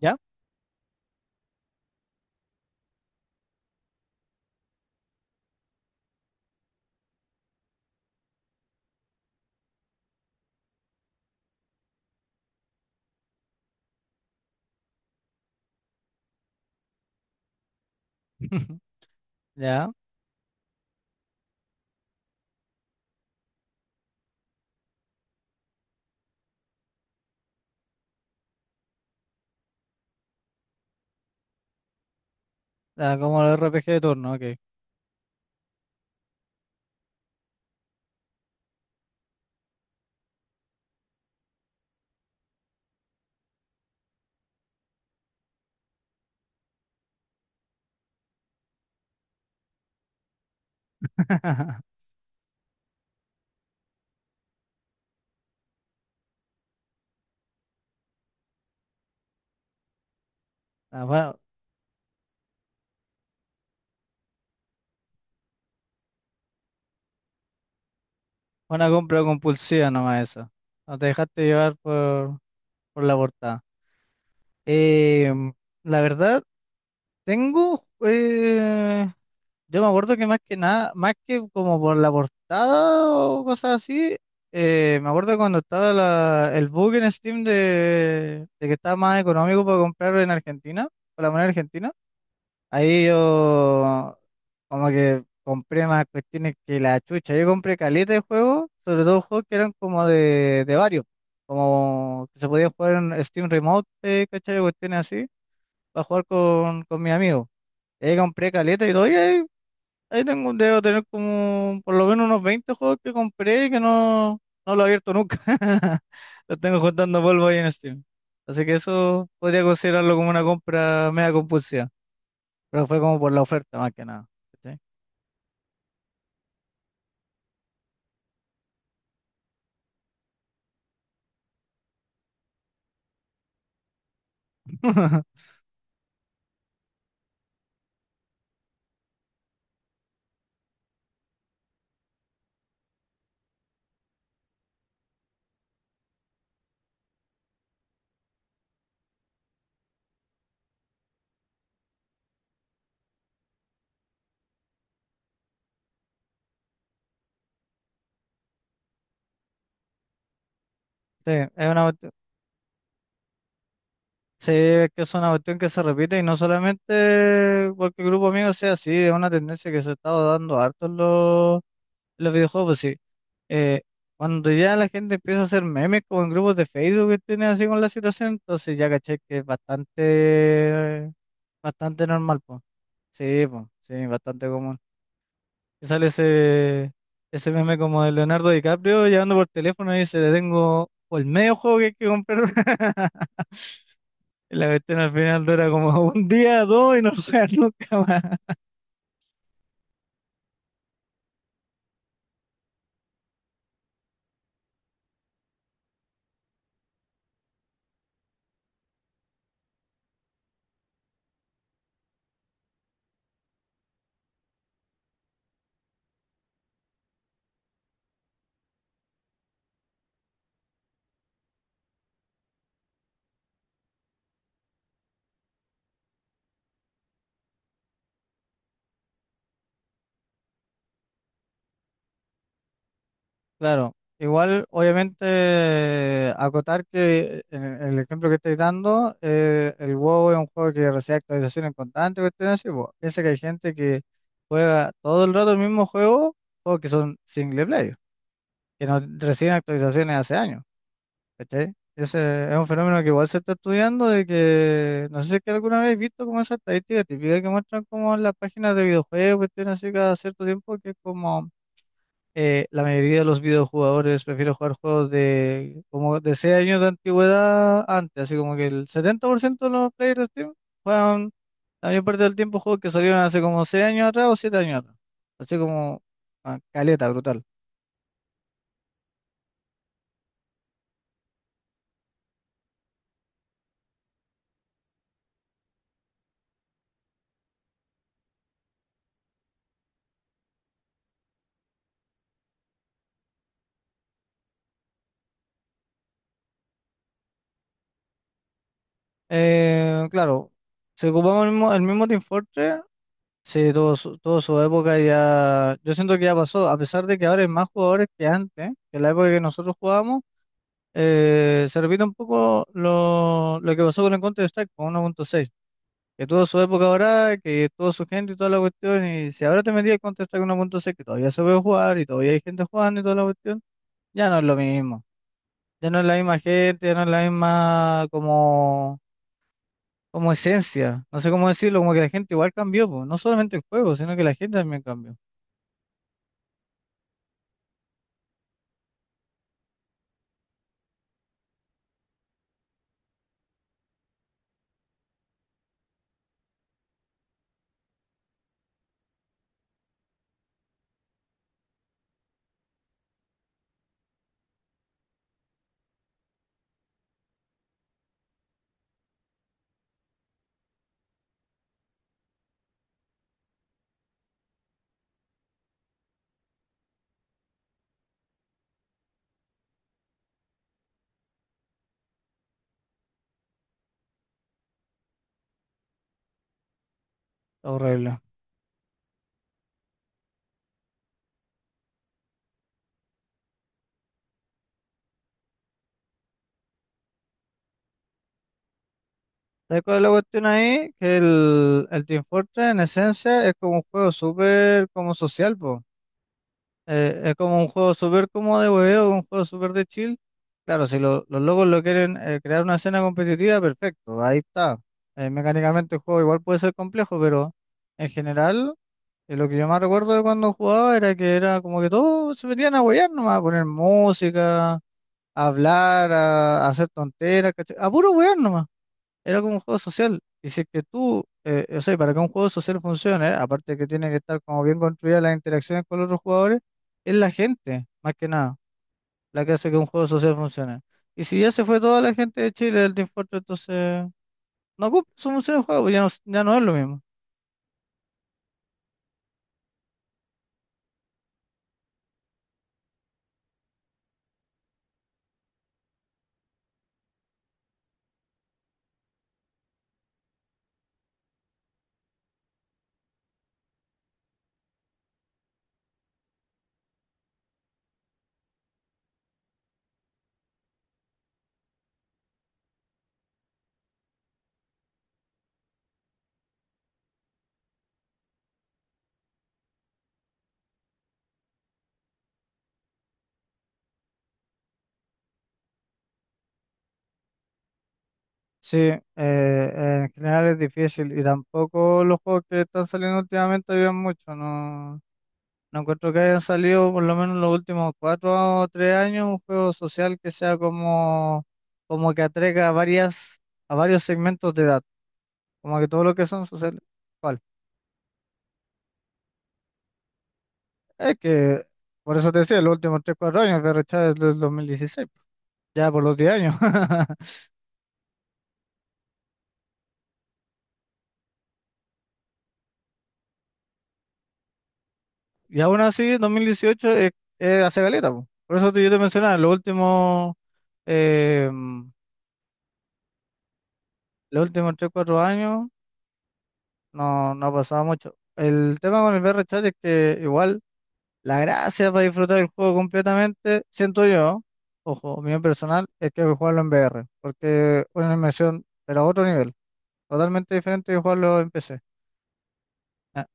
¿Ya? ¿Ya? Ah, como el R P G de turno, ok. Ah, fue una compra compulsiva nomás eso. No te dejaste llevar por la portada. Eh, la verdad, tengo... eh, yo me acuerdo que más que nada, más que como por la portada o cosas así, me acuerdo cuando estaba el bug en Steam de que estaba más económico para comprar en Argentina, con la moneda argentina. Ahí yo como que compré más cuestiones que la chucha. Yo compré caleta de juegos, sobre todo juegos que eran como de varios, como que se podían jugar en Steam Remote, ¿cachai? Cuestiones así, para jugar con mis amigos. Y ahí compré caleta y todo, y ahí tengo, debo tener como por lo menos unos 20 juegos que compré y que no lo he abierto nunca. Los tengo juntando polvo ahí en Steam. Así que eso podría considerarlo como una compra mega compulsiva. Pero fue como por la oferta más que nada. ¿Cachai? Sí, sí, es que es una cuestión que se repite y no solamente porque el grupo amigo sea así, es una tendencia que se ha estado dando harto en los videojuegos, pues sí. Eh, cuando ya la gente empieza a hacer memes como en grupos de Facebook que tienen así con la situación, entonces ya caché que es bastante, bastante normal, pues. Sí, pues, sí, bastante común. Y sale ese meme como de Leonardo DiCaprio llamando por teléfono y dice, le tengo el medio juego que hay que comprar. Y la cuestión al final dura como un día, dos y no juega nunca más. Claro, igual obviamente acotar que en el ejemplo que estoy dando, el WoW es un juego que recibe actualizaciones constantes, cuestiones así, pues, piensa que hay gente que juega todo el rato el mismo juego, juegos que son single player, que no reciben actualizaciones hace años. ¿Cachai? Ese es un fenómeno que igual se está estudiando de que, no sé si es que alguna vez he visto como esa estadística típica que muestran como en las páginas de videojuegos, cuestiones así cada cierto tiempo, que es como la mayoría de los videojugadores prefieren jugar juegos de como de 6 años de antigüedad antes, así como que el 70% de los players de Steam juegan la mayor parte del tiempo juegos que salieron hace como 6 años atrás o 7 años atrás. Así como ah, caleta, brutal. Claro, se ocupamos el mismo Team Fortress. Sí, tuvo su época y ya. Yo siento que ya pasó, a pesar de que ahora hay más jugadores que antes, que en la época que nosotros jugábamos, se repite un poco lo que pasó con el Counter-Strike con 1.6, que tuvo su época ahora, que tuvo su gente y toda la cuestión. Y si ahora te metías el Counter-Strike 1.6, que todavía se puede jugar y todavía hay gente jugando y toda la cuestión, ya no es lo mismo. Ya no es la misma gente, ya no es la misma como esencia. No sé cómo decirlo, como que la gente igual cambió, po. No solamente el juego, sino que la gente también cambió. Horrible. ¿Sabes cuál es la cuestión ahí? Que el Team Fortress en esencia es como un juego súper como social, po. Es como un juego súper como de hueveo, un juego súper de chill. Claro, si los locos lo quieren crear una escena competitiva, perfecto, ahí está. Mecánicamente el juego igual puede ser complejo, pero en general, lo que yo más recuerdo de cuando jugaba era que era como que todos se metían a huevear nomás, a poner música, a hablar, a hacer tonteras, ¿cachai? A puro huevear era como un juego social. Y si es que tú, o sea, para que un juego social funcione, aparte que tiene que estar como bien construida las interacciones con los otros jugadores, es la gente, más que nada, la que hace que un juego social funcione. Y si ya se fue toda la gente de Chile del Team Fortress, entonces no cumple su función el juego, pues ya no es lo mismo. Sí, en general es difícil y tampoco los juegos que están saliendo últimamente ayudan mucho, no, no encuentro que hayan salido por lo menos en los últimos cuatro o tres años un juego social que sea como que atraiga a varias, a varios segmentos de edad. Como que todo lo que son sociales. ¿Cuál? Es que, por eso te decía, los últimos tres, cuatro años, que ya es del 2016, ya por los 10 años. Y aún así, 2018 es hace caleta, po. Por eso yo te mencionaba, eh, los últimos tres, cuatro años no ha pasado mucho. El tema con el VRChat es que igual la gracia para disfrutar el juego completamente, siento yo, ojo, opinión personal, es que hay que jugarlo en VR, porque una inmersión, pero a otro nivel, totalmente diferente de jugarlo en PC. Ah,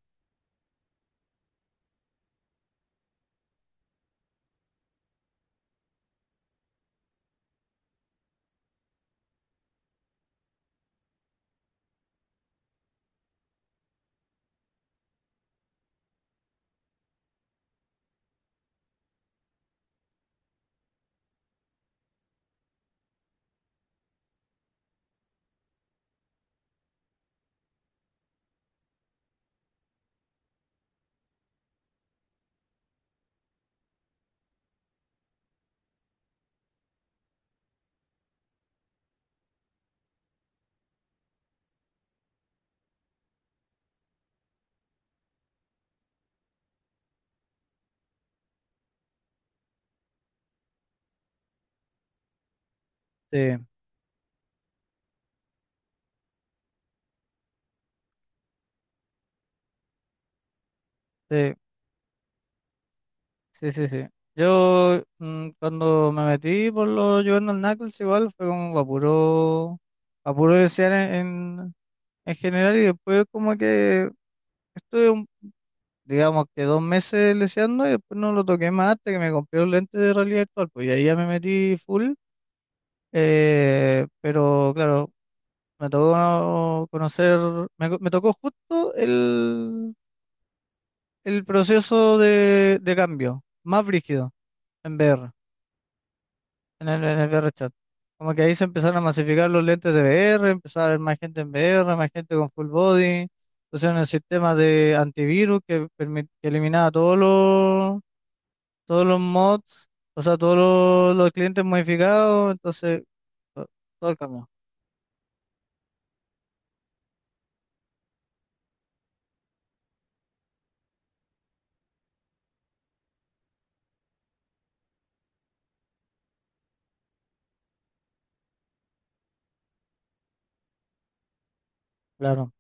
sí, sí, sí, sí, sí. Yo cuando me metí por lo jugando al Knuckles igual fue como a puro desear en general y después como que estuve digamos que 2 meses leseando y después no lo toqué más hasta que me compré los lentes de realidad virtual, pues y ahí ya me metí full. Pero claro, me tocó conocer, me tocó justo el proceso de cambio, más brígido en VR, en el VR chat. Como que ahí se empezaron a masificar los lentes de VR, empezaba a haber más gente en VR, más gente con full body, pusieron el sistema de antivirus que eliminaba todos los mods, o sea, todos los clientes modificados, entonces, to- todo el cambio. Claro.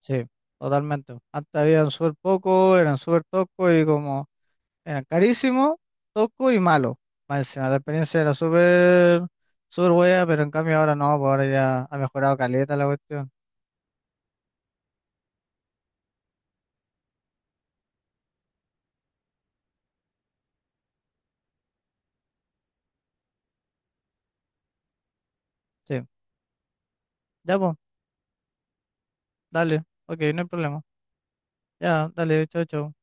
Sí, totalmente. Antes habían súper poco, eran súper toscos y como eran carísimos, toscos y malos. Más encima, la experiencia era súper, súper buena, pero en cambio ahora no, pues ahora ya ha mejorado caleta la cuestión. Sí, ya pues, dale, ok, no hay problema. Ya, dale, chao, chao.